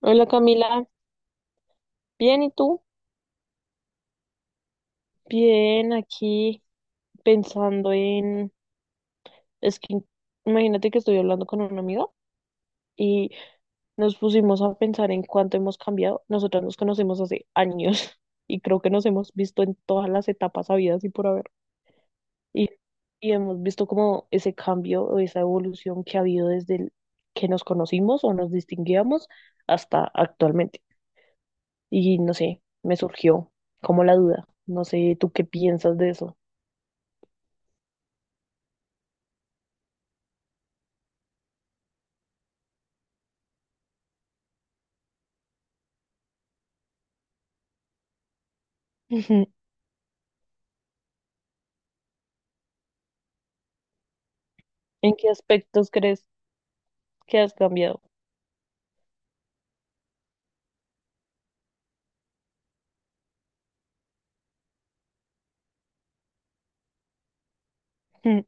Hola Camila, bien, ¿y tú? Bien, aquí pensando en... Es que imagínate que estoy hablando con un amigo y nos pusimos a pensar en cuánto hemos cambiado. Nosotras nos conocemos hace años y creo que nos hemos visto en todas las etapas habidas y por haber. Y, y hemos visto como ese cambio o esa evolución que ha habido desde el que nos conocimos o nos distinguíamos hasta actualmente. Y no sé, me surgió como la duda. No sé, ¿tú qué piensas de eso? Ujú. ¿En qué aspectos crees que has cambiado? Ujú.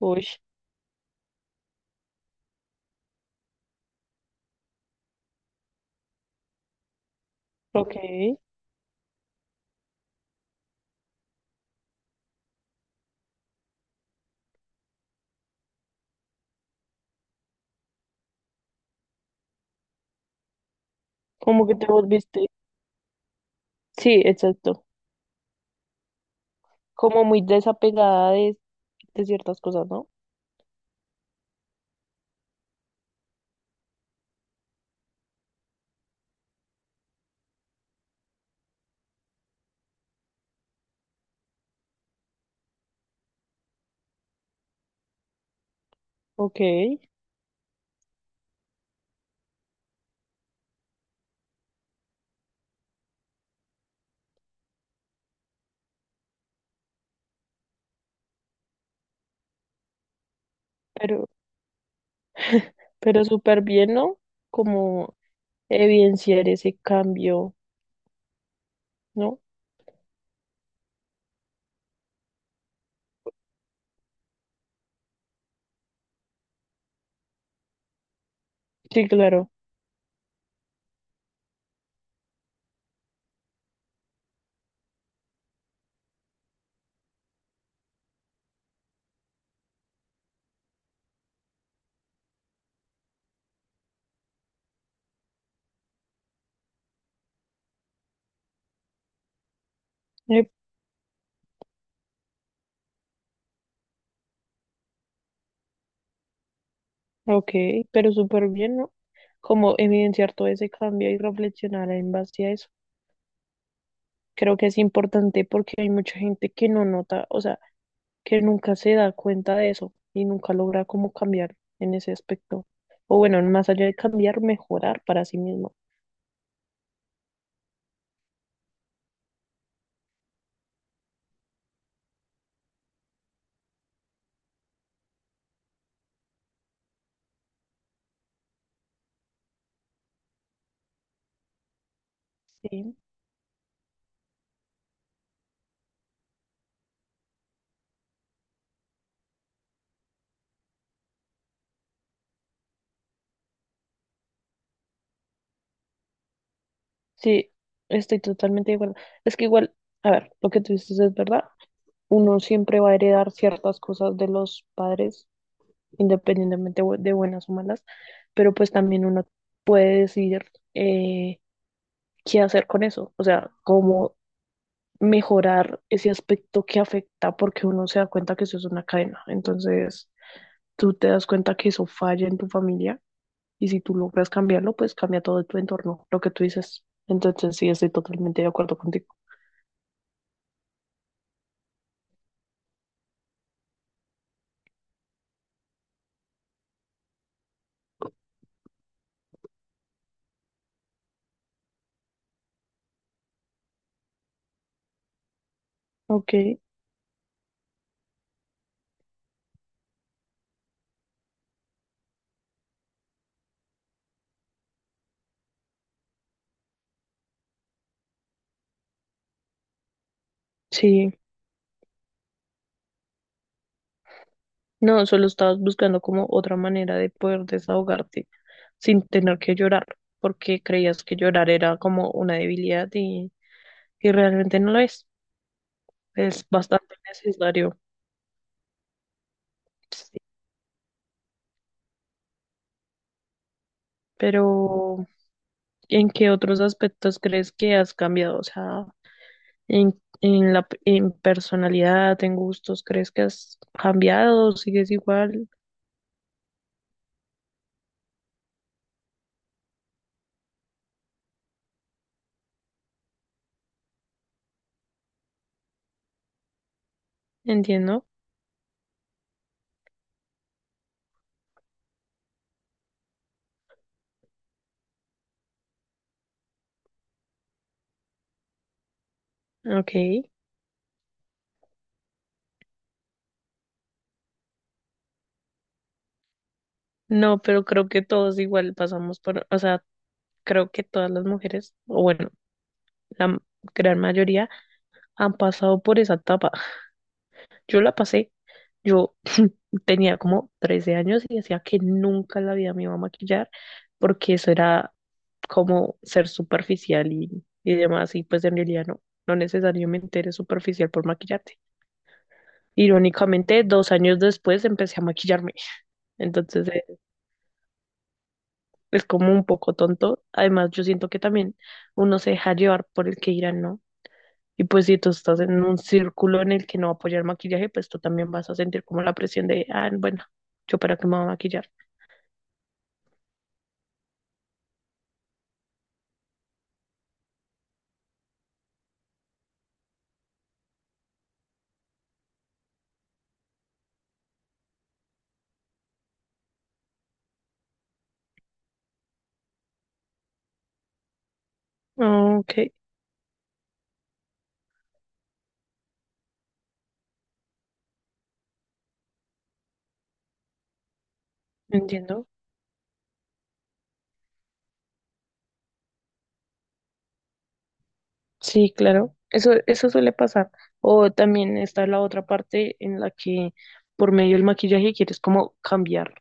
Uy, ok. Como que te volviste. Sí, exacto. Como muy desapegada de ciertas cosas, ¿no? Ok. Pero, pero súper bien, ¿no? Como evidenciar ese cambio, ¿no? Sí, claro. Eh, Ok, pero súper bien, ¿no? Como evidenciar todo ese cambio y reflexionar en base a eso. Creo que es importante porque hay mucha gente que no nota, o sea, que nunca se da cuenta de eso y nunca logra como cambiar en ese aspecto. O bueno, más allá de cambiar, mejorar para sí mismo. Sí, sí, estoy totalmente de acuerdo. Es que igual, a ver, lo que tú dices es verdad. Uno siempre va a heredar ciertas cosas de los padres, independientemente de buenas o malas, pero pues también uno puede decidir eh, qué hacer con eso, o sea, cómo mejorar ese aspecto que afecta porque uno se da cuenta que eso es una cadena. Entonces, tú te das cuenta que eso falla en tu familia y si tú logras cambiarlo, pues cambia todo tu entorno, lo que tú dices. Entonces, sí, estoy totalmente de acuerdo contigo. Ok, sí. No, solo estabas buscando como otra manera de poder desahogarte sin tener que llorar, porque creías que llorar era como una debilidad y realmente no lo es. Es bastante necesario. Sí. Pero, ¿en qué otros aspectos crees que has cambiado? O sea, en personalidad, en gustos, ¿crees que has cambiado? ¿Sigues igual? Entiendo. Ok. No, pero creo que todos igual pasamos por, o sea, creo que todas las mujeres, o bueno, la gran mayoría han pasado por esa etapa. Yo la pasé, yo tenía como 13 años y decía que nunca en la vida me iba a maquillar porque eso era como ser superficial y demás y pues en realidad no, no necesariamente eres superficial por maquillarte. Irónicamente, 2 años después empecé a maquillarme, entonces es como un poco tonto. Además, yo siento que también uno se deja llevar por el que dirán, ¿no? Y pues si tú estás en un círculo en el que no va a apoyar el maquillaje, pues tú también vas a sentir como la presión de, ah, bueno, yo para qué me voy a maquillar. Ok, entiendo. Sí, claro. Eso suele pasar. O también está la otra parte en la que por medio del maquillaje quieres como cambiar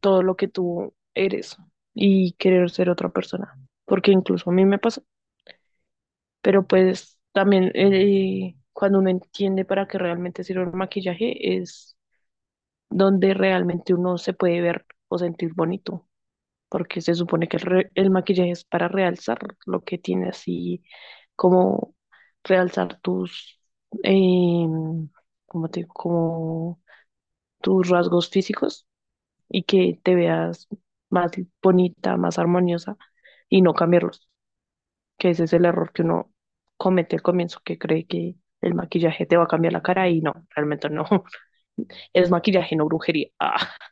todo lo que tú eres y querer ser otra persona. Porque incluso a mí me pasa. Pero pues también cuando uno entiende para qué realmente sirve el maquillaje es donde realmente uno se puede ver o sentir bonito, porque se supone que el maquillaje es para realzar lo que tienes así, como realzar tus, em, ¿cómo te digo? Como tus rasgos físicos y que te veas más bonita, más armoniosa y no cambiarlos, que ese es el error que uno comete al comienzo, que cree que el maquillaje te va a cambiar la cara y no, realmente no. Es maquillaje, no brujería.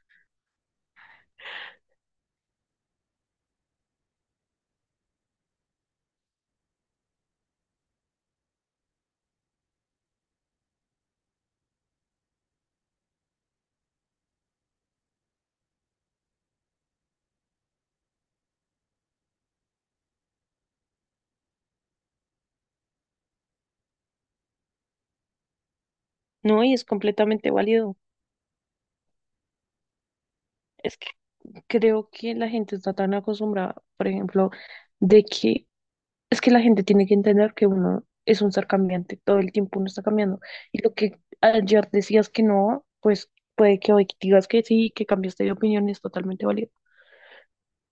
No, y es completamente válido. Es que creo que la gente está tan acostumbrada, por ejemplo, de que es que la gente tiene que entender que uno es un ser cambiante, todo el tiempo uno está cambiando. Y lo que ayer decías que no, pues puede que hoy digas que sí, que cambiaste de opinión, es totalmente válido.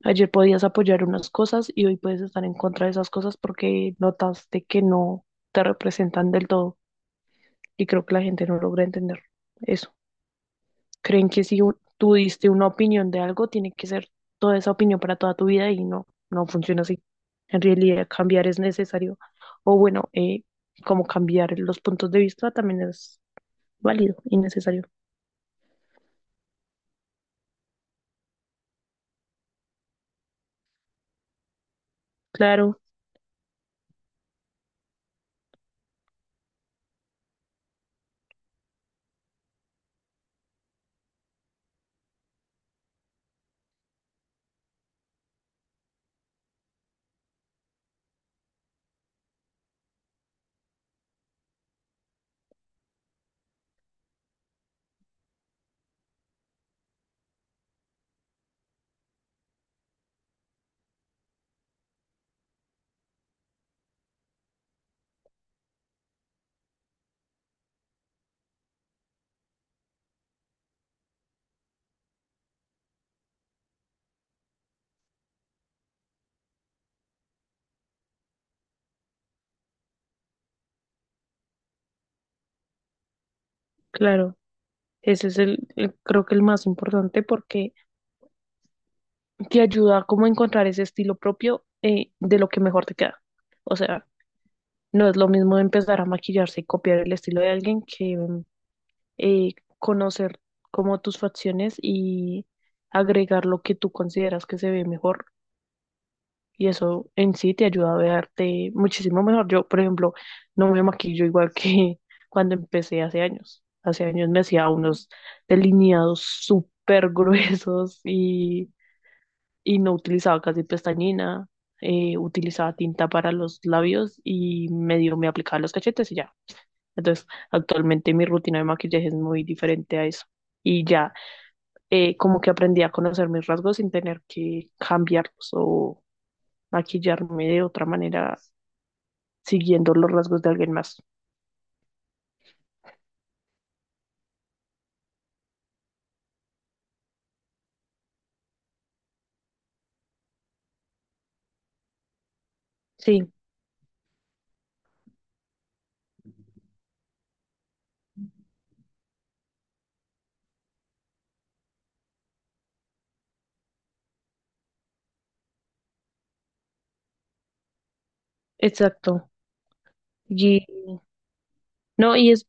Ayer podías apoyar unas cosas y hoy puedes estar en contra de esas cosas porque notaste que no te representan del todo. Y creo que la gente no logra entender eso. Creen que si tú diste una opinión de algo, tiene que ser toda esa opinión para toda tu vida y no, no funciona así. En realidad, cambiar es necesario. O bueno, como cambiar los puntos de vista también es válido y necesario. Claro, claro. Ese es el creo que el más importante porque te ayuda como a encontrar ese estilo propio de lo que mejor te queda. O sea, no es lo mismo empezar a maquillarse y copiar el estilo de alguien que conocer como tus facciones y agregar lo que tú consideras que se ve mejor. Y eso en sí te ayuda a verte muchísimo mejor. Yo, por ejemplo, no me maquillo igual que cuando empecé hace años. Hace años me hacía unos delineados súper gruesos y no utilizaba casi pestañina. Utilizaba tinta para los labios y medio me aplicaba los cachetes y ya. Entonces, actualmente mi rutina de maquillaje es muy diferente a eso y ya como que aprendí a conocer mis rasgos sin tener que cambiarlos o maquillarme de otra manera siguiendo los rasgos de alguien más. Sí, exacto. Y no, y es,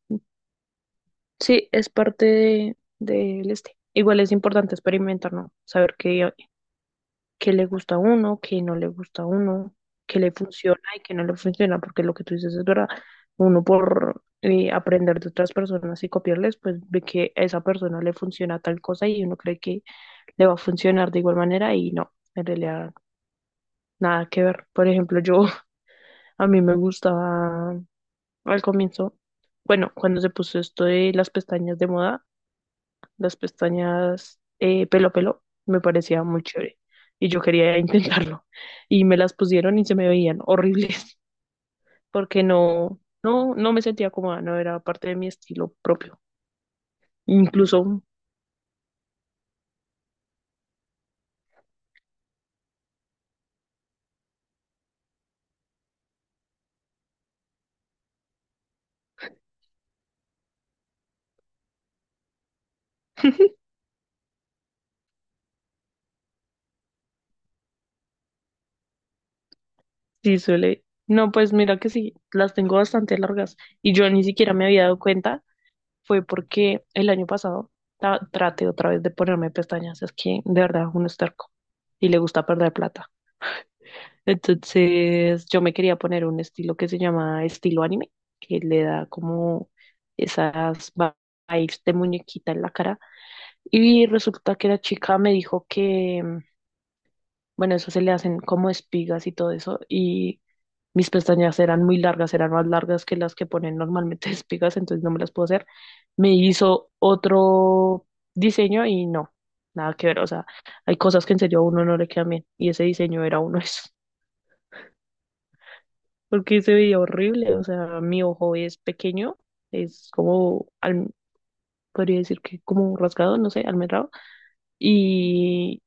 sí, es parte de, del este. Igual es importante experimentar, ¿no? Saber qué, qué le gusta a uno, qué no le gusta a uno, qué le funciona y qué no le funciona, porque lo que tú dices es verdad. Uno por aprender de otras personas y copiarles, pues ve que a esa persona le funciona tal cosa y uno cree que le va a funcionar de igual manera y no, en realidad nada que ver. Por ejemplo, yo a mí me gustaba al comienzo, bueno, cuando se puso esto de las pestañas de moda, las pestañas pelo a pelo, me parecía muy chévere y yo quería intentarlo y me las pusieron y se me veían horribles porque no, no, no me sentía cómoda, no era parte de mi estilo propio. Incluso Sí, suele. No, pues mira que sí, las tengo bastante largas y yo ni siquiera me había dado cuenta fue porque el año pasado traté otra vez de ponerme pestañas. Es que de verdad uno es terco y le gusta perder plata. Entonces yo me quería poner un estilo que se llama estilo anime, que le da como esas vibes de muñequita en la cara. Y resulta que la chica me dijo que, bueno, eso se le hacen como espigas y todo eso. Y mis pestañas eran muy largas, eran más largas que las que ponen normalmente espigas, entonces no me las puedo hacer. Me hizo otro diseño y no, nada que ver. O sea, hay cosas que en serio a uno no le quedan bien. Y ese diseño era uno de esos. Porque se veía horrible. O sea, mi ojo es pequeño, es como, podría decir que como rasgado, no sé, almendrado. Y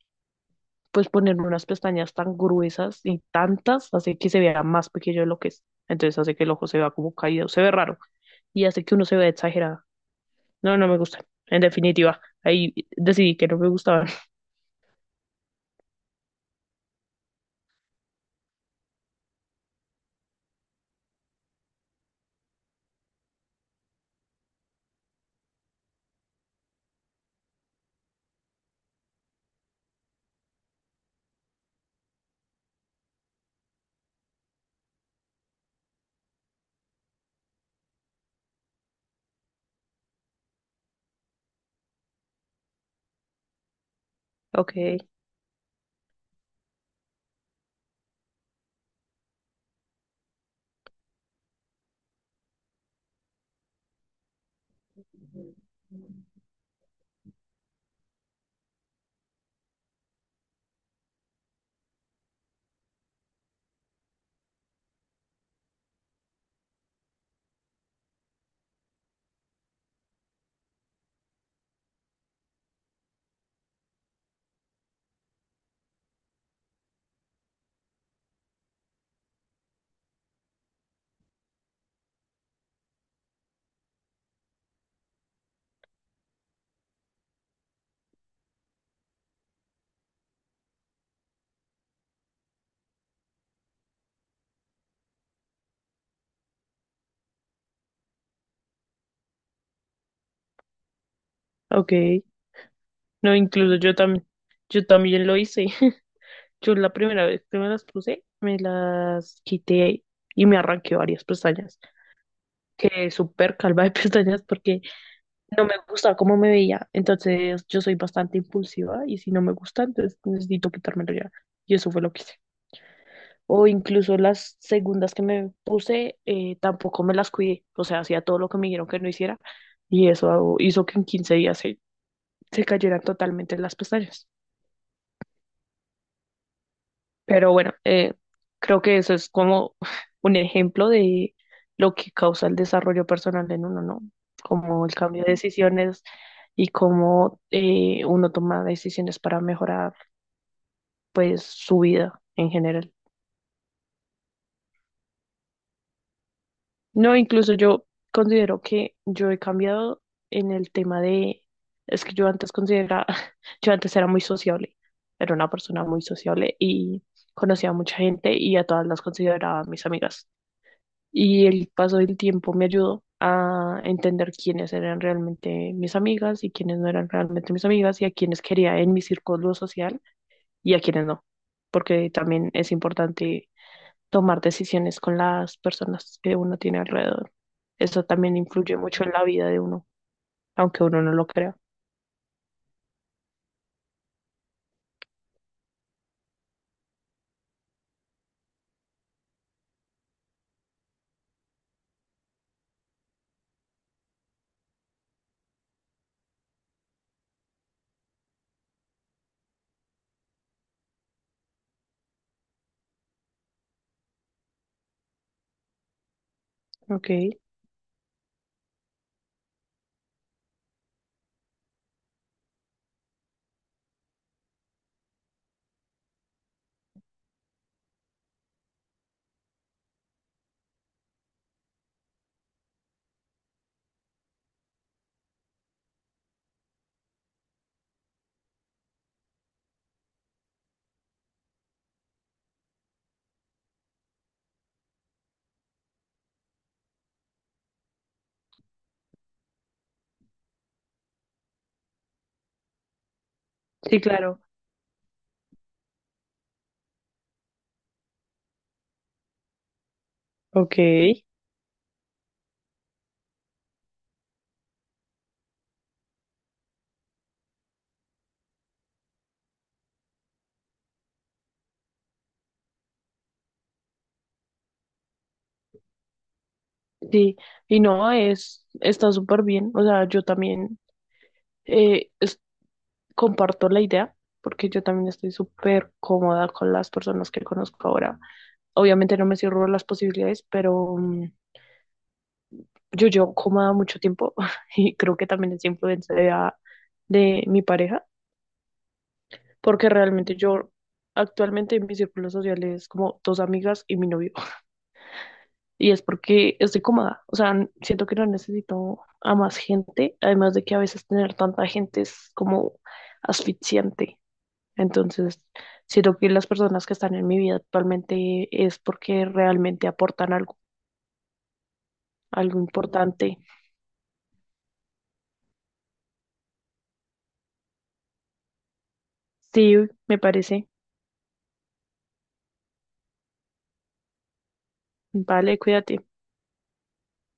pues ponerme unas pestañas tan gruesas y tantas hace que se vea más pequeño de lo que es. Entonces hace que el ojo se vea como caído, se ve raro y hace que uno se vea exagerado. No, no me gusta. En definitiva, ahí decidí que no me gustaban. Ok. Ok. No, incluso yo también lo hice. Yo la primera vez que me las puse, me las quité y me arranqué varias pestañas. Quedé súper calva de pestañas porque no me gustaba cómo me veía. Entonces yo soy bastante impulsiva y si no me gusta, entonces necesito quitármelo ya. Y eso fue lo que hice. O incluso las segundas que me puse, tampoco me las cuidé. O sea, hacía todo lo que me dijeron que no hiciera y eso hizo que en 15 días se cayeran totalmente las pestañas. Pero bueno, creo que eso es como un ejemplo de lo que causa el desarrollo personal en uno, ¿no? Como el cambio de decisiones y cómo uno toma decisiones para mejorar, pues, su vida en general. No, incluso yo considero que yo he cambiado en el tema de, es que yo antes consideraba, yo antes era muy sociable, era una persona muy sociable y conocía a mucha gente y a todas las consideraba mis amigas. Y el paso del tiempo me ayudó a entender quiénes eran realmente mis amigas y quiénes no eran realmente mis amigas y a quiénes quería en mi círculo social y a quiénes no, porque también es importante tomar decisiones con las personas que uno tiene alrededor. Eso también influye mucho en la vida de uno, aunque uno no lo crea. Ok, sí, claro. Ok, sí. Y no, es, está súper bien. O sea, yo también eh es- comparto la idea porque yo también estoy súper cómoda con las personas que conozco ahora. Obviamente no me cierro las posibilidades, pero yo cómoda mucho tiempo y creo que también es influencia de, de mi pareja, porque realmente yo actualmente en mi círculo social es como dos amigas y mi novio. Y es porque estoy cómoda, o sea, siento que no necesito a más gente, además de que a veces tener tanta gente es como asfixiante. Entonces, siento que las personas que están en mi vida actualmente es porque realmente aportan algo, algo importante. Sí, me parece. Vale, cuídate.